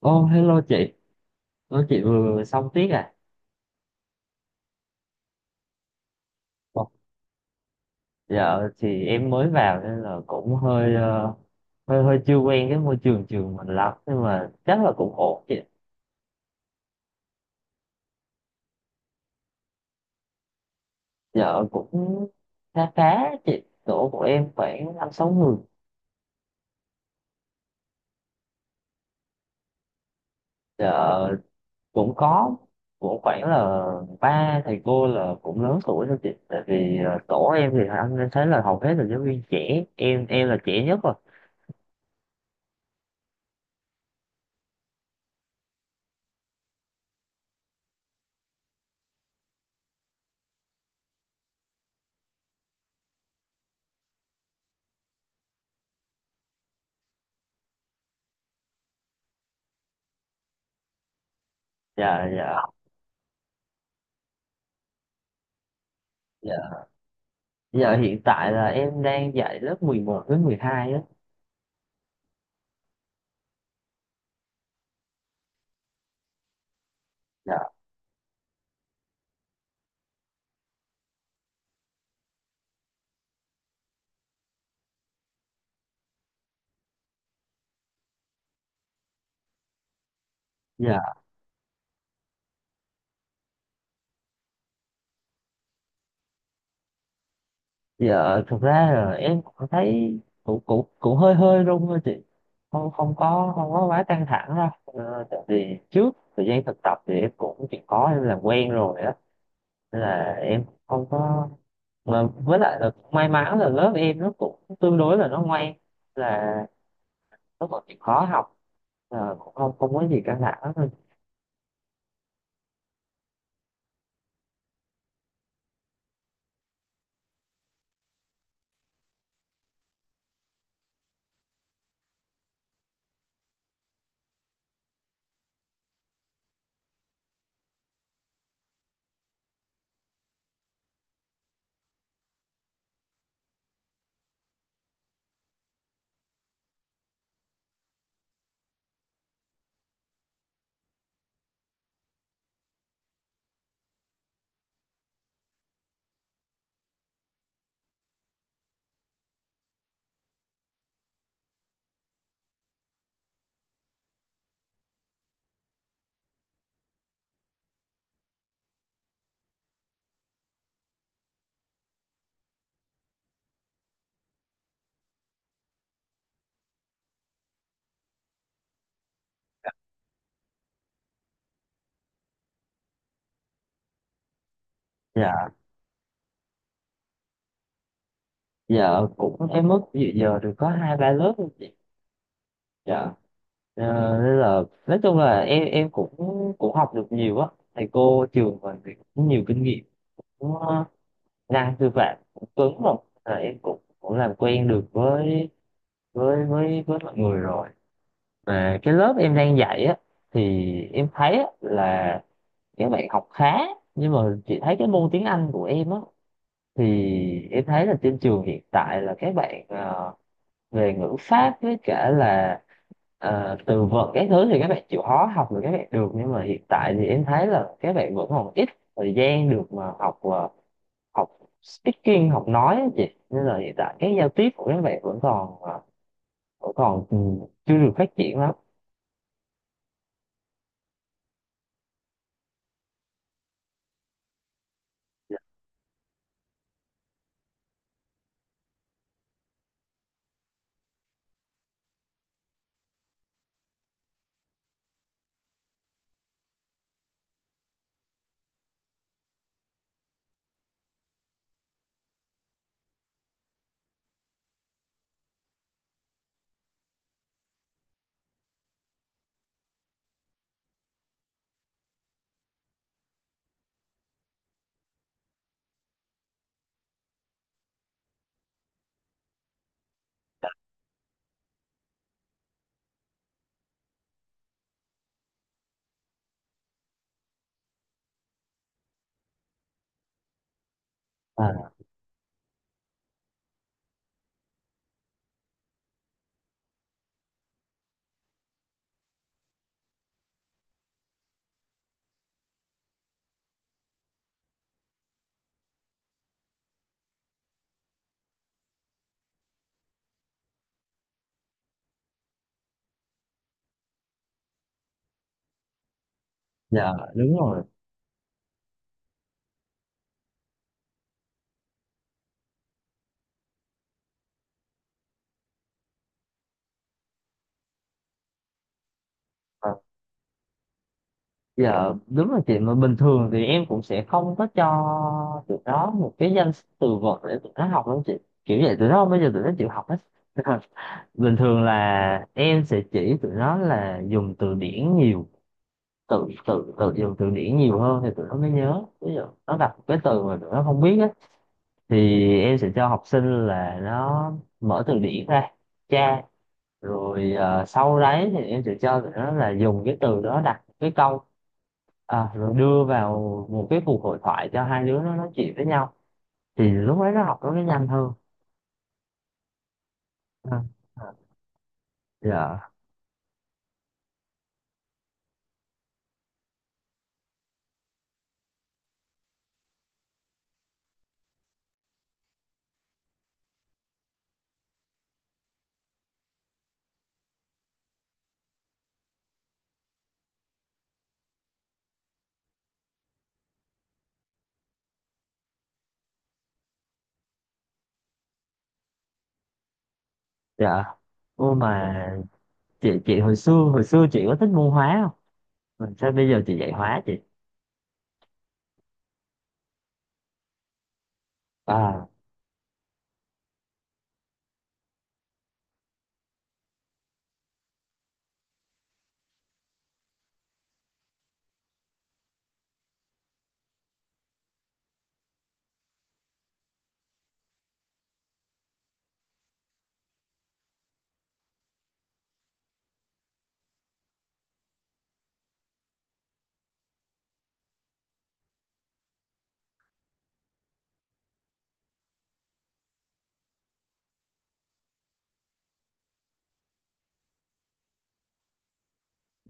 Ô, hello chị. Chị vừa vừa xong tiết à? Ồ. Dạ thì em mới vào nên là cũng hơi hơi hơi chưa quen cái môi trường trường mình lắm nhưng mà chắc là cũng ổn chị. Dạ cũng khá khá chị, tổ của em khoảng năm sáu người. Dạ cũng có, cũng khoảng là ba thầy cô là cũng lớn tuổi thôi chị. Tại vì tổ em thì anh thấy là hầu hết là giáo viên trẻ, em là trẻ nhất rồi. Dạ dạ. Giờ hiện tại là em đang dạy lớp 11 với 12 á. Dạ. Dạ, giờ thực ra là em cũng thấy cũng cũng cũng hơi hơi run thôi chị. Không, không có quá căng thẳng đâu. Ờ, Tại vì trước thời gian thực tập thì em cũng chỉ có em làm quen rồi á. Nên là em không có, mà với lại là cũng may mắn là lớp em nó cũng tương đối là nó ngoan, là nó còn chịu khó học, là cũng không không có gì căng thẳng thôi. Dạ, giờ cũng em mất dự giờ được có hai ba lớp thôi chị. Dạ. Ờ, Nên là nói chung là em cũng cũng học được nhiều á, thầy cô trường mình thì cũng nhiều kinh nghiệm, cũng năng sư phạm cũng cứng rồi, là em cũng cũng làm quen được với mọi người rồi. Mà cái lớp em đang dạy á thì em thấy á, là các bạn học khá, nhưng mà chị thấy cái môn tiếng Anh của em á, thì em thấy là trên trường hiện tại là các bạn về ngữ pháp với cả là từ vựng cái thứ thì các bạn chịu khó học được, các bạn được, nhưng mà hiện tại thì em thấy là các bạn vẫn còn ít thời gian được mà học học speaking, học nói á chị. Nên là hiện tại cái giao tiếp của các bạn vẫn còn vẫn còn chưa được phát triển lắm. À, dạ đúng rồi. Ờ, dạ đúng rồi chị, mà bình thường thì em cũng sẽ không có cho tụi nó một cái danh từ vựng để tụi nó học đâu chị, kiểu vậy tụi nó, bây giờ tụi nó chịu học hết. Bình thường là em sẽ chỉ tụi nó là dùng từ điển nhiều, tự tự tự dùng từ điển nhiều hơn thì tụi nó mới nhớ. Ví dụ nó gặp cái từ mà tụi nó không biết á thì em sẽ cho học sinh là nó mở từ điển ra tra, rồi sau đấy thì em sẽ cho tụi nó là dùng cái từ đó đặt cái câu, à, rồi đưa vào một cái cuộc hội thoại cho hai đứa nó nói chuyện với nhau, thì lúc đấy nó học nó mới nhanh hơn. À, à, dạ dạ. Ô, mà chị hồi xưa chị có thích môn hóa không? Mà sao bây giờ chị dạy hóa chị? À,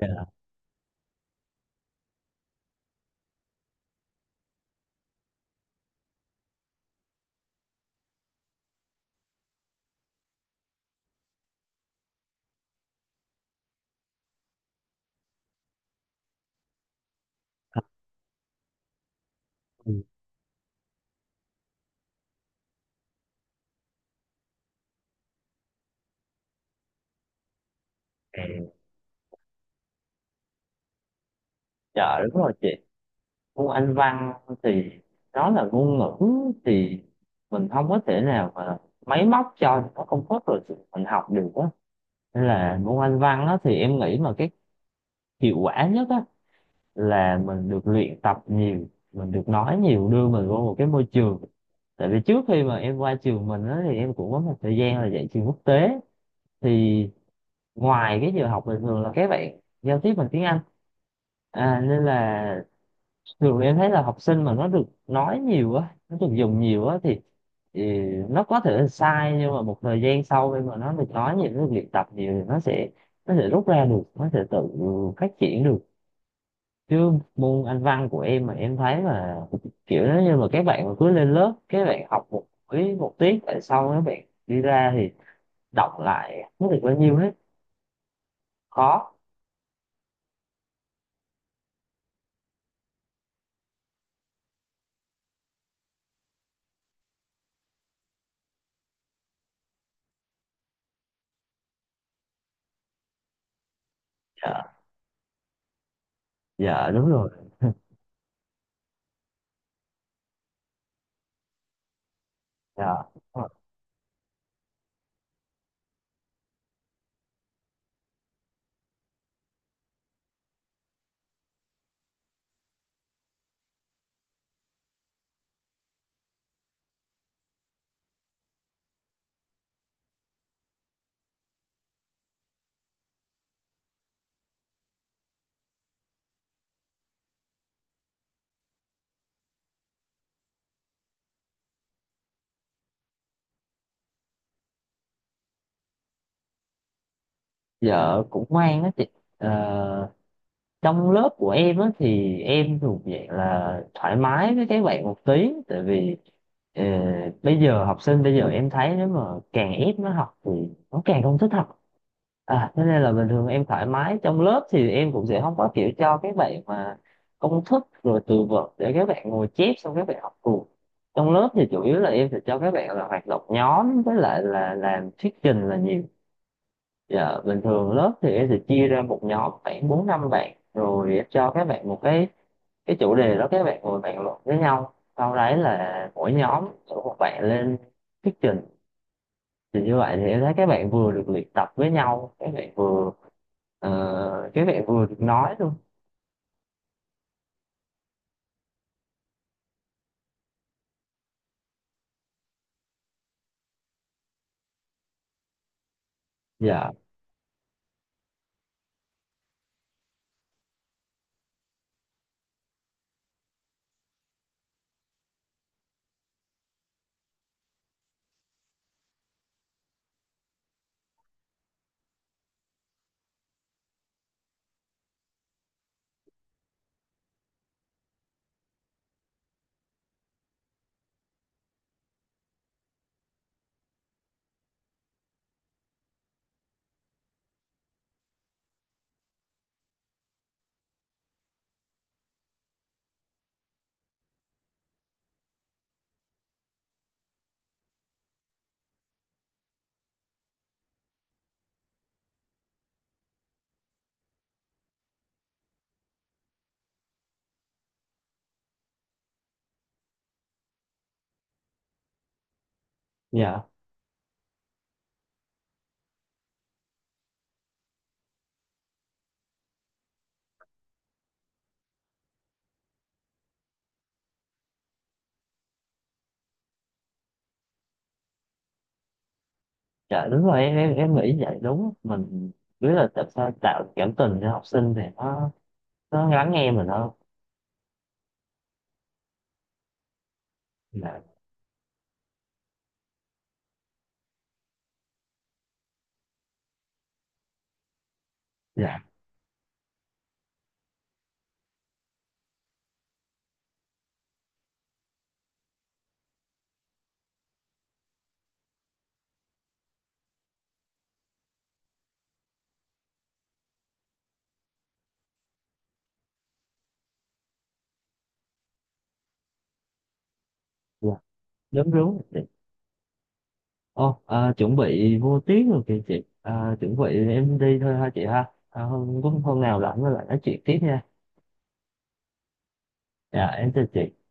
dạ. Ừ. Dạ đúng rồi chị, môn Anh văn thì nó là ngôn ngữ, thì mình không có thể nào mà máy móc cho nó công thức rồi mình học được á. Nên là môn Anh văn á thì em nghĩ mà cái hiệu quả nhất á là mình được luyện tập nhiều, mình được nói nhiều, đưa mình vô một cái môi trường. Tại vì trước khi mà em qua trường mình á thì em cũng có một thời gian là dạy trường quốc tế, thì ngoài cái giờ học bình thường là các bạn giao tiếp bằng tiếng Anh, à, nên là thường em thấy là học sinh mà nó được nói nhiều á, nó được dùng nhiều á, thì nó có thể là sai, nhưng mà một thời gian sau khi mà nó được nói nhiều, nó được luyện tập nhiều thì nó sẽ rút ra được, nó sẽ tự phát triển được. Chứ môn Anh văn của em mà em thấy mà, kiểu nếu như mà các bạn mà cứ lên lớp các bạn học một buổi một tiết, tại sau các bạn đi ra thì đọc lại không được bao nhiêu hết, khó. Dạ, dạ đúng rồi. Dạ. Dạ cũng ngoan á chị. Ờ, Trong lớp của em á thì em thuộc dạng là thoải mái với các bạn một tí, tại vì ờ, bây giờ học sinh bây giờ em thấy nếu mà càng ép nó học thì nó càng không thích học. À, thế nên là bình thường em thoải mái trong lớp, thì em cũng sẽ không có kiểu cho các bạn mà công thức rồi từ vựng để các bạn ngồi chép xong các bạn học cùng. Trong lớp thì chủ yếu là em sẽ cho các bạn là hoạt động nhóm với lại là làm thuyết trình là nhiều. Dạ, bình thường lớp thì em sẽ chia ra một nhóm khoảng bốn năm bạn, rồi em cho các bạn một cái chủ đề đó, các bạn ngồi bàn luận với nhau, sau đấy là mỗi nhóm, mỗi một bạn lên thuyết trình. Thì như vậy thì em thấy các bạn vừa được luyện tập với nhau, các bạn vừa các bạn vừa được nói luôn. Dạ, dạ. Dạ đúng rồi em, em nghĩ vậy, đúng mình biết là tại sao tạo cảm tình cho học sinh thì nó lắng nghe mình hơn. Dạ. Dạ. Dạ đúng đúng. Ồ, à, chuẩn bị vô tiếng rồi kìa chị. À, chuẩn bị em đi thôi ha chị ha. À, hôm nào rảnh rồi lại nói chuyện tiếp nha. Dạ, em chào chị.